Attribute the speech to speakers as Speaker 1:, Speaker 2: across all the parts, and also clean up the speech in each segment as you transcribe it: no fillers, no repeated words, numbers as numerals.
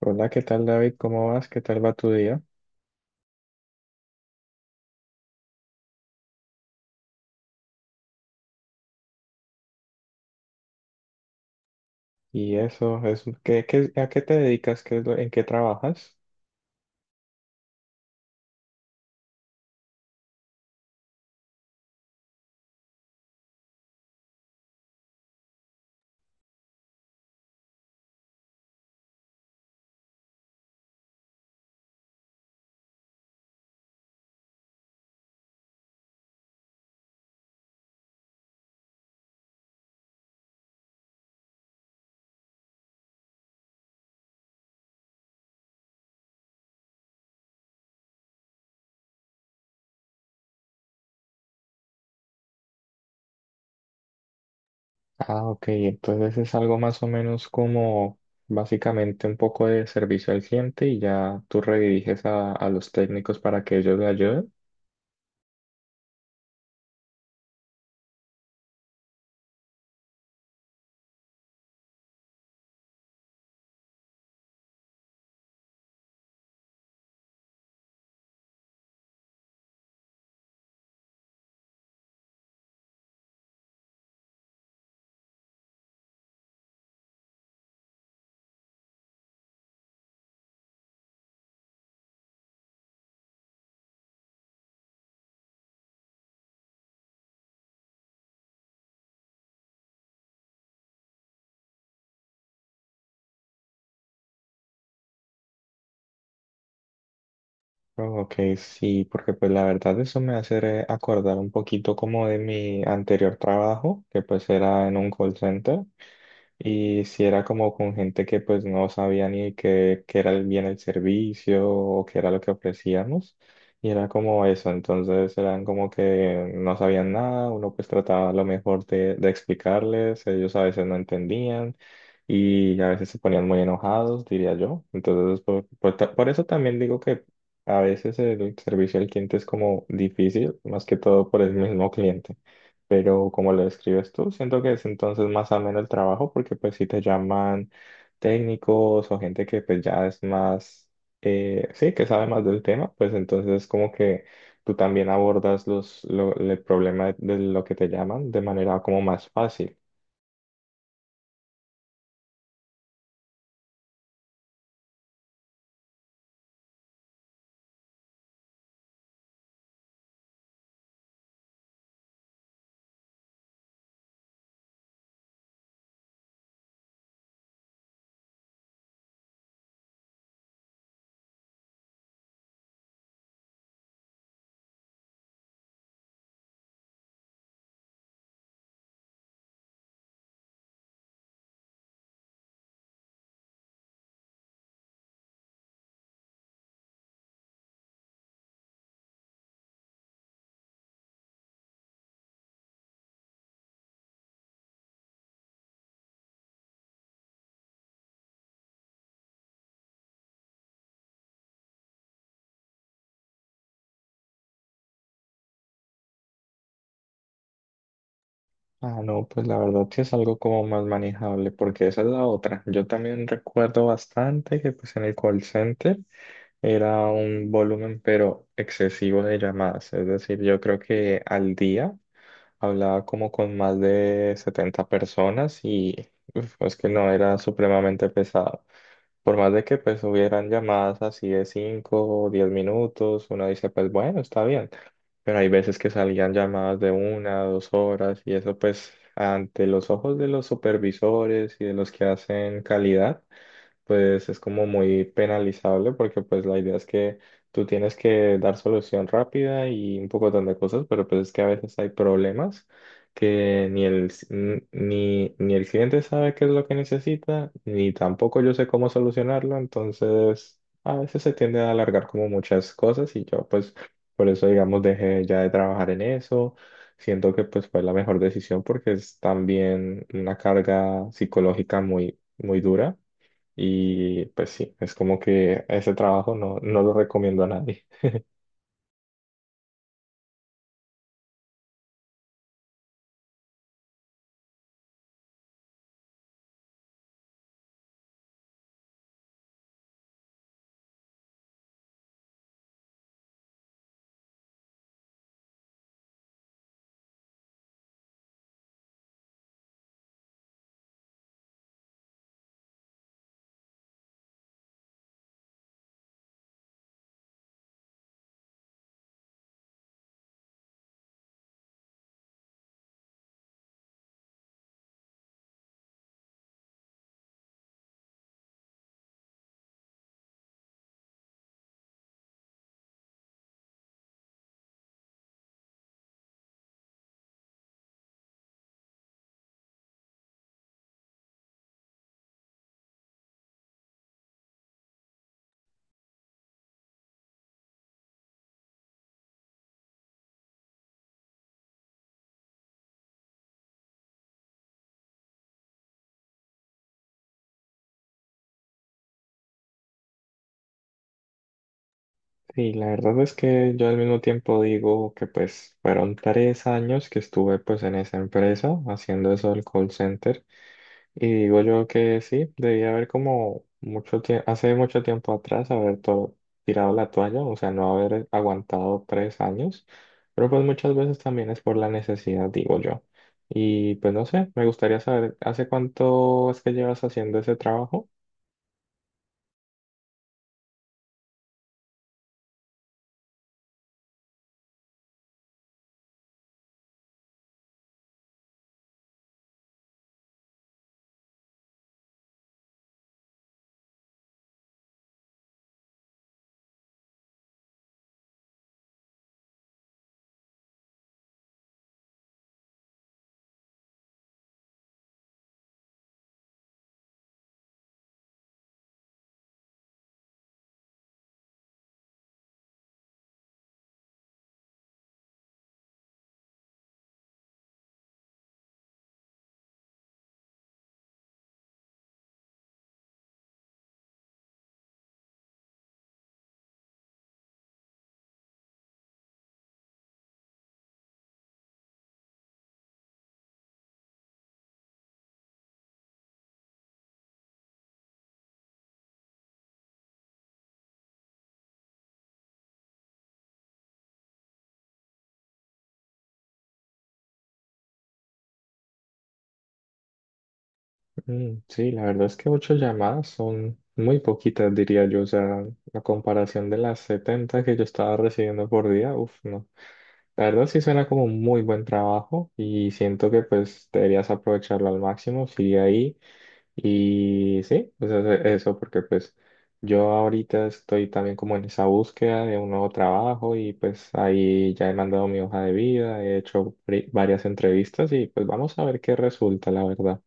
Speaker 1: Hola, ¿qué tal David? ¿Cómo vas? ¿Qué tal va tu día? Y eso, ¿a qué te dedicas? En qué trabajas? Ah, ok, entonces es algo más o menos como básicamente un poco de servicio al cliente y ya tú rediriges a los técnicos para que ellos le ayuden. Oh, ok, sí, porque pues la verdad eso me hace acordar un poquito como de mi anterior trabajo, que pues era en un call center. Y si era como con gente que pues no sabía ni qué era el bien el servicio o qué era lo que ofrecíamos. Y era como eso, entonces eran como que no sabían nada, uno pues trataba a lo mejor de explicarles, ellos a veces no entendían y a veces se ponían muy enojados, diría yo. Entonces por eso también digo que a veces el servicio al cliente es como difícil, más que todo por el mismo cliente, pero como lo describes tú, siento que es entonces más ameno el trabajo porque pues si te llaman técnicos o gente que pues ya es más, sí, que sabe más del tema, pues entonces como que tú también abordas el problema de lo que te llaman de manera como más fácil. Ah, no, pues la verdad sí es algo como más manejable, porque esa es la otra. Yo también recuerdo bastante que pues en el call center era un volumen pero excesivo de llamadas, es decir, yo creo que al día hablaba como con más de 70 personas y uf, es que no era supremamente pesado. Por más de que pues hubieran llamadas así de 5 o 10 minutos, uno dice pues bueno, está bien, pero hay veces que salían llamadas de 1, 2 horas y eso pues ante los ojos de los supervisores y de los que hacen calidad pues es como muy penalizable porque pues la idea es que tú tienes que dar solución rápida y un pocotón de cosas, pero pues es que a veces hay problemas que ni el cliente sabe qué es lo que necesita, ni tampoco yo sé cómo solucionarlo, entonces a veces se tiende a alargar como muchas cosas y yo pues por eso digamos dejé ya de trabajar en eso. Siento que pues fue la mejor decisión porque es también una carga psicológica muy, muy dura. Y pues sí, es como que ese trabajo no, no lo recomiendo a nadie. Y la verdad es que yo al mismo tiempo digo que pues fueron 3 años que estuve pues en esa empresa haciendo eso del call center. Y digo yo que sí, debía haber como mucho tiempo, hace mucho tiempo atrás haber tirado la toalla, o sea, no haber aguantado 3 años. Pero pues muchas veces también es por la necesidad, digo yo. Y pues no sé, me gustaría saber, ¿hace cuánto es que llevas haciendo ese trabajo? Mm, sí, la verdad es que ocho llamadas son muy poquitas, diría yo. O sea, la comparación de las 70 que yo estaba recibiendo por día, uff, no. La verdad sí suena como un muy buen trabajo y siento que pues deberías aprovecharlo al máximo, sigue ahí y sí, pues eso, porque pues yo ahorita estoy también como en esa búsqueda de un nuevo trabajo y pues ahí ya he mandado mi hoja de vida, he hecho varias entrevistas y pues vamos a ver qué resulta, la verdad.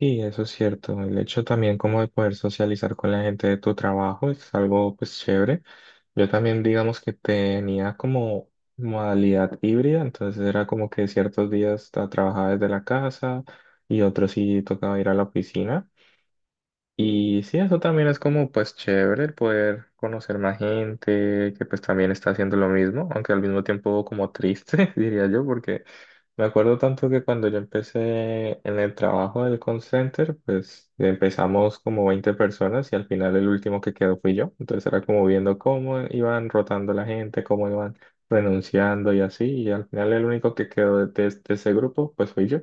Speaker 1: Sí, eso es cierto. El hecho también como de poder socializar con la gente de tu trabajo es algo pues chévere. Yo también digamos que tenía como modalidad híbrida, entonces era como que ciertos días trabajaba desde la casa y otros sí tocaba ir a la oficina. Y sí, eso también es como pues chévere el poder conocer más gente que pues también está haciendo lo mismo, aunque al mismo tiempo como triste, diría yo, porque me acuerdo tanto que cuando yo empecé en el trabajo del call center, pues empezamos como 20 personas y al final el último que quedó fui yo. Entonces era como viendo cómo iban rotando la gente, cómo iban renunciando y así, y al final el único que quedó de ese grupo pues fui yo.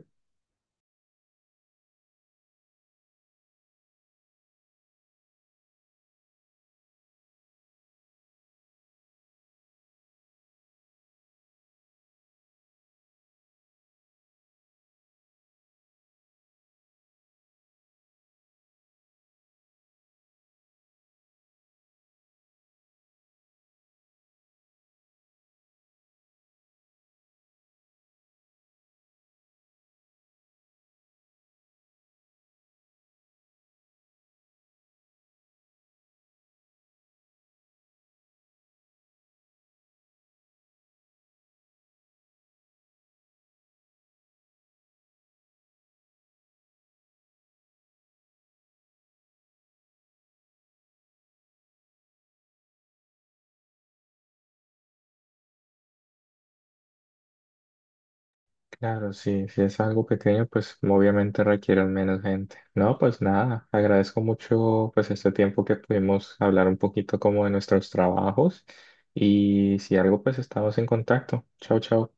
Speaker 1: Claro, sí, si es algo pequeño, pues obviamente requieren menos gente. No, pues nada, agradezco mucho pues este tiempo que pudimos hablar un poquito como de nuestros trabajos y si algo pues estamos en contacto. Chao, chao.